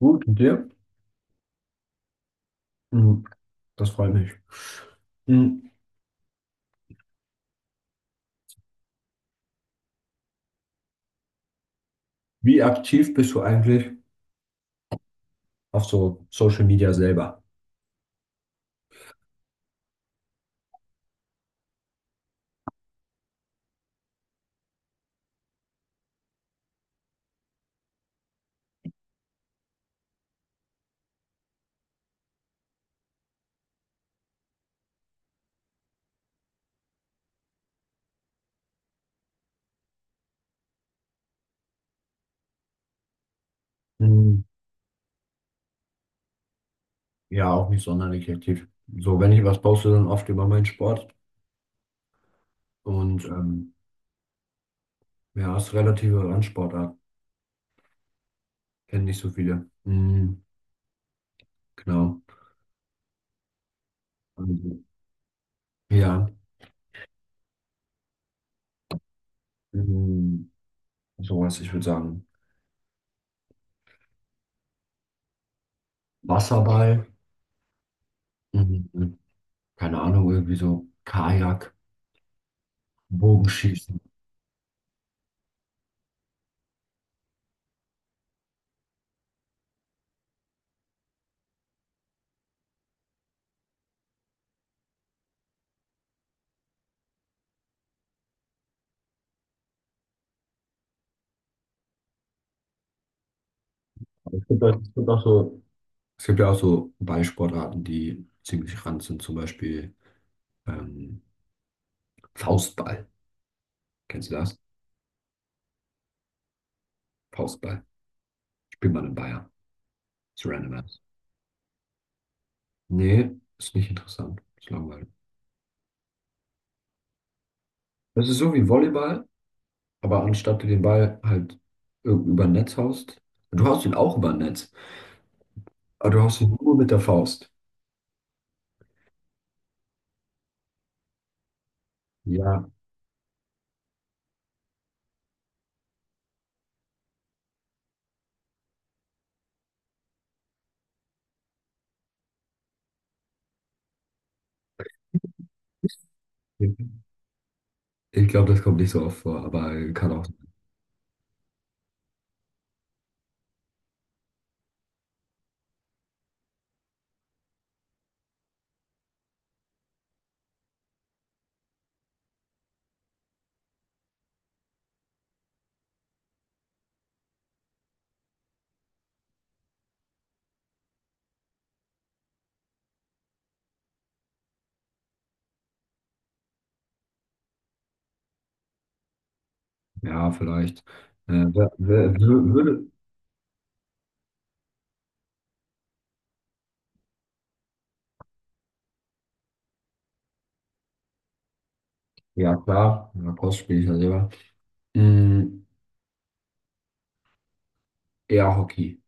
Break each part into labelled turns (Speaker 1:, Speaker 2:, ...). Speaker 1: Gut, und dir? Mhm, Das freut mich. Mhm. Wie aktiv bist du eigentlich auf so Social Media selber? Mhm. Ja, auch nicht sonderlich aktiv. So, wenn ich was poste, dann oft über meinen Sport. Und ja, es ist relative Randsportart. Kennen nicht so viele. Mhm, genau. Also, ja, mhm, sowas, ich würde sagen. Wasserball, mhm, keine Ahnung, irgendwie so Kajak, Bogenschießen. Es gibt, auch- es gibt auch so Es gibt ja auch so Ballsportarten, die ziemlich ran sind, zum Beispiel ähm, Faustball. Kennst du das? Faustball. Spielt man in Bayern. Ist random ass. Nee, ist nicht interessant. Ist langweilig. Das ist so wie Volleyball, aber anstatt du den Ball halt über ein Netz haust, du haust ihn auch über ein Netz, aber du haust ihn nur mit der Faust. Ja, ich glaube, das kommt nicht so oft vor, aber kann auch, ja, vielleicht. Äh, wer, wer, würde, ja, klar, ja, Faust spiele ich ja selber. Mm, ja, Hockey.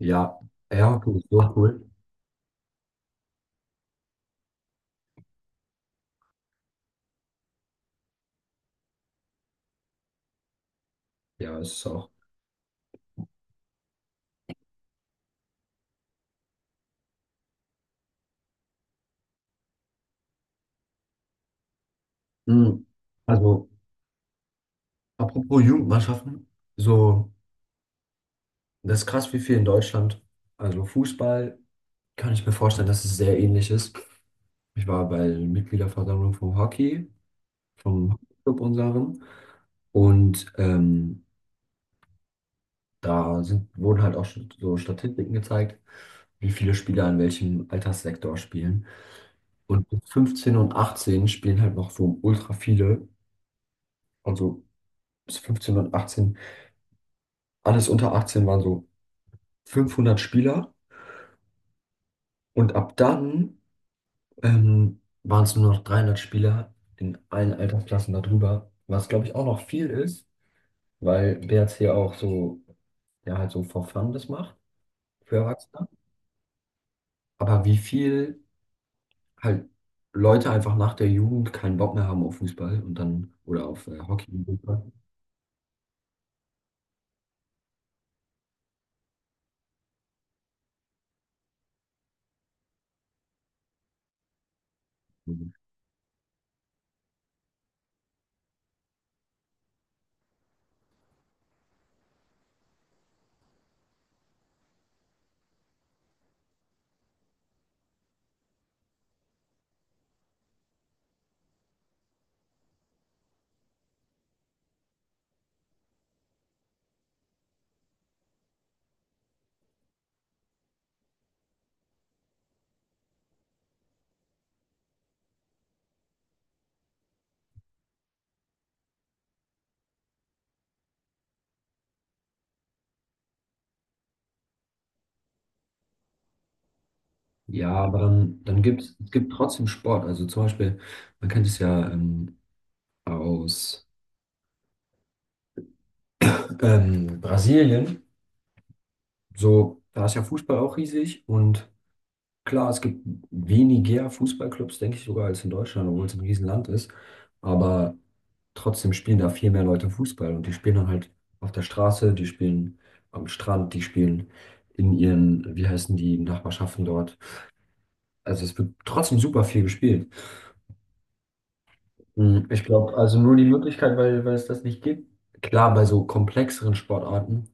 Speaker 1: Ja, ja, Hockey ist so cool. Ja, ist es auch. Mm. Also, apropos Jugendmannschaften, so, das ist krass, wie viel in Deutschland. Also, Fußball kann ich mir vorstellen, dass es sehr ähnlich ist. Ich war bei der Mitgliederversammlung vom Hockey, vom Hockeyclub unserem. Und da sind, wurden halt auch so Statistiken gezeigt, wie viele Spieler in welchem Alterssektor spielen. Und mit 15 und 18 spielen halt noch so ultra viele. Also bis 15 und 18, alles unter 18 waren so 500 Spieler und ab dann waren es nur noch 300 Spieler in allen Altersklassen darüber, was glaube ich auch noch viel ist, weil BRC auch so, ja halt so for fun das macht für Erwachsene. Aber wie viel halt Leute einfach nach der Jugend keinen Bock mehr haben auf Fußball und dann oder auf Hockey und Fußball. Ja, aber dann gibt es gibt trotzdem Sport. Also zum Beispiel, man kennt es ja aus Brasilien, so, da ist ja Fußball auch riesig und klar, es gibt weniger Fußballclubs, denke ich sogar, als in Deutschland, obwohl es ein Riesenland ist. Aber trotzdem spielen da viel mehr Leute Fußball und die spielen dann halt auf der Straße, die spielen am Strand, die spielen in ihren, wie heißen die, Nachbarschaften dort. Also es wird trotzdem super viel gespielt. Ich glaube, also nur die Möglichkeit, weil es das nicht gibt. Klar, bei so komplexeren Sportarten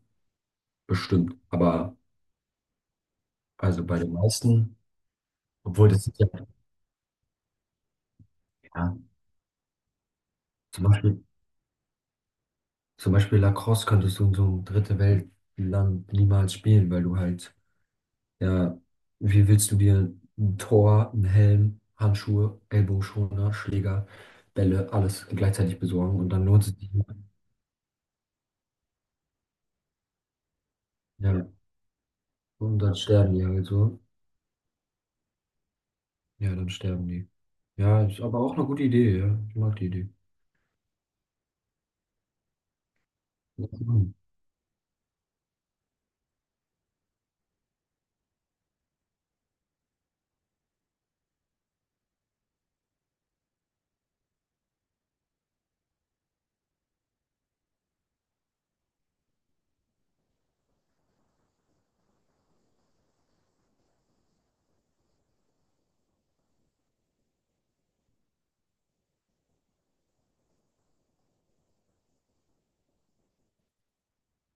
Speaker 1: bestimmt, aber also bei den meisten. Obwohl, das ist ja, ja, zum Beispiel, zum Beispiel Lacrosse könntest du in so einem dritte Weltland niemals spielen, weil du halt, ja, wie willst du dir ein Tor, einen Helm, Handschuhe, Ellbogenschoner, Schläger, Bälle, alles gleichzeitig besorgen und dann lohnt es sich nicht. Ja, und dann sterben die halt so. Ja, dann sterben die. Ja, ist aber auch eine gute Idee, ja. Ich mag die Idee.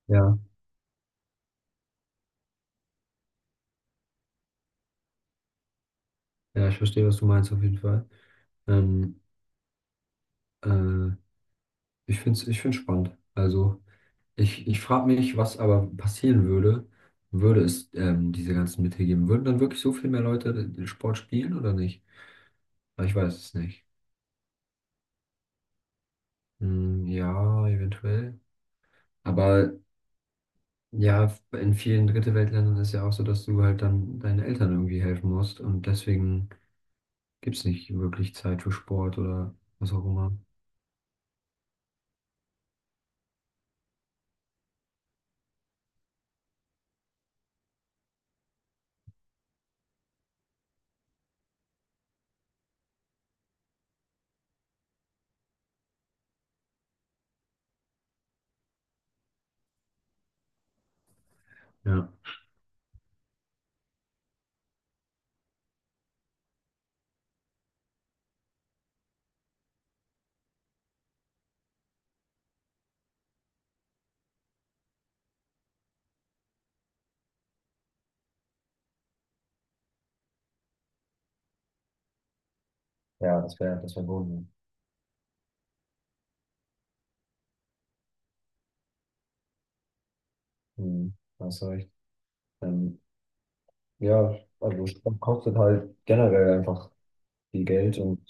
Speaker 1: Ja, ja, ich verstehe, was du meinst auf jeden Fall. Ähm, äh, ich finde es ich find's spannend. Also. Ich frage mich, was aber passieren würde, würde es diese ganzen Mittel geben. Würden dann wirklich so viel mehr Leute den Sport spielen oder nicht? Aber ich weiß es nicht. Hm, ja, eventuell. Aber ja, in vielen Dritte-Welt-Ländern ist ja auch so, dass du halt dann deinen Eltern irgendwie helfen musst und deswegen gibt es nicht wirklich Zeit für Sport oder was auch immer. Ja. Ja, das wär gut. Hm, Da hast du recht. Ähm, ja, also Sport kostet halt generell einfach viel Geld und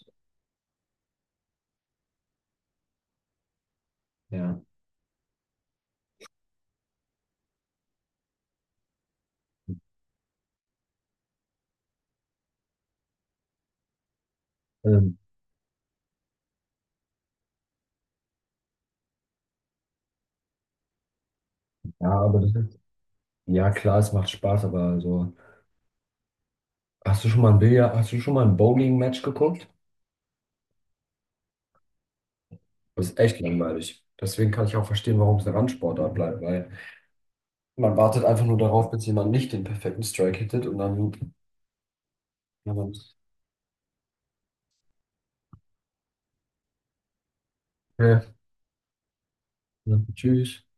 Speaker 1: ja. Ähm, ja, aber ja klar, es macht Spaß, aber also, hast du schon mal ein Bowling-Match geguckt? Das ist echt langweilig. Deswegen kann ich auch verstehen, warum es eine Randsportart bleibt, weil man wartet einfach nur darauf, bis jemand nicht den perfekten Strike hittet und dann, ja, man, ja, ja, tschüss.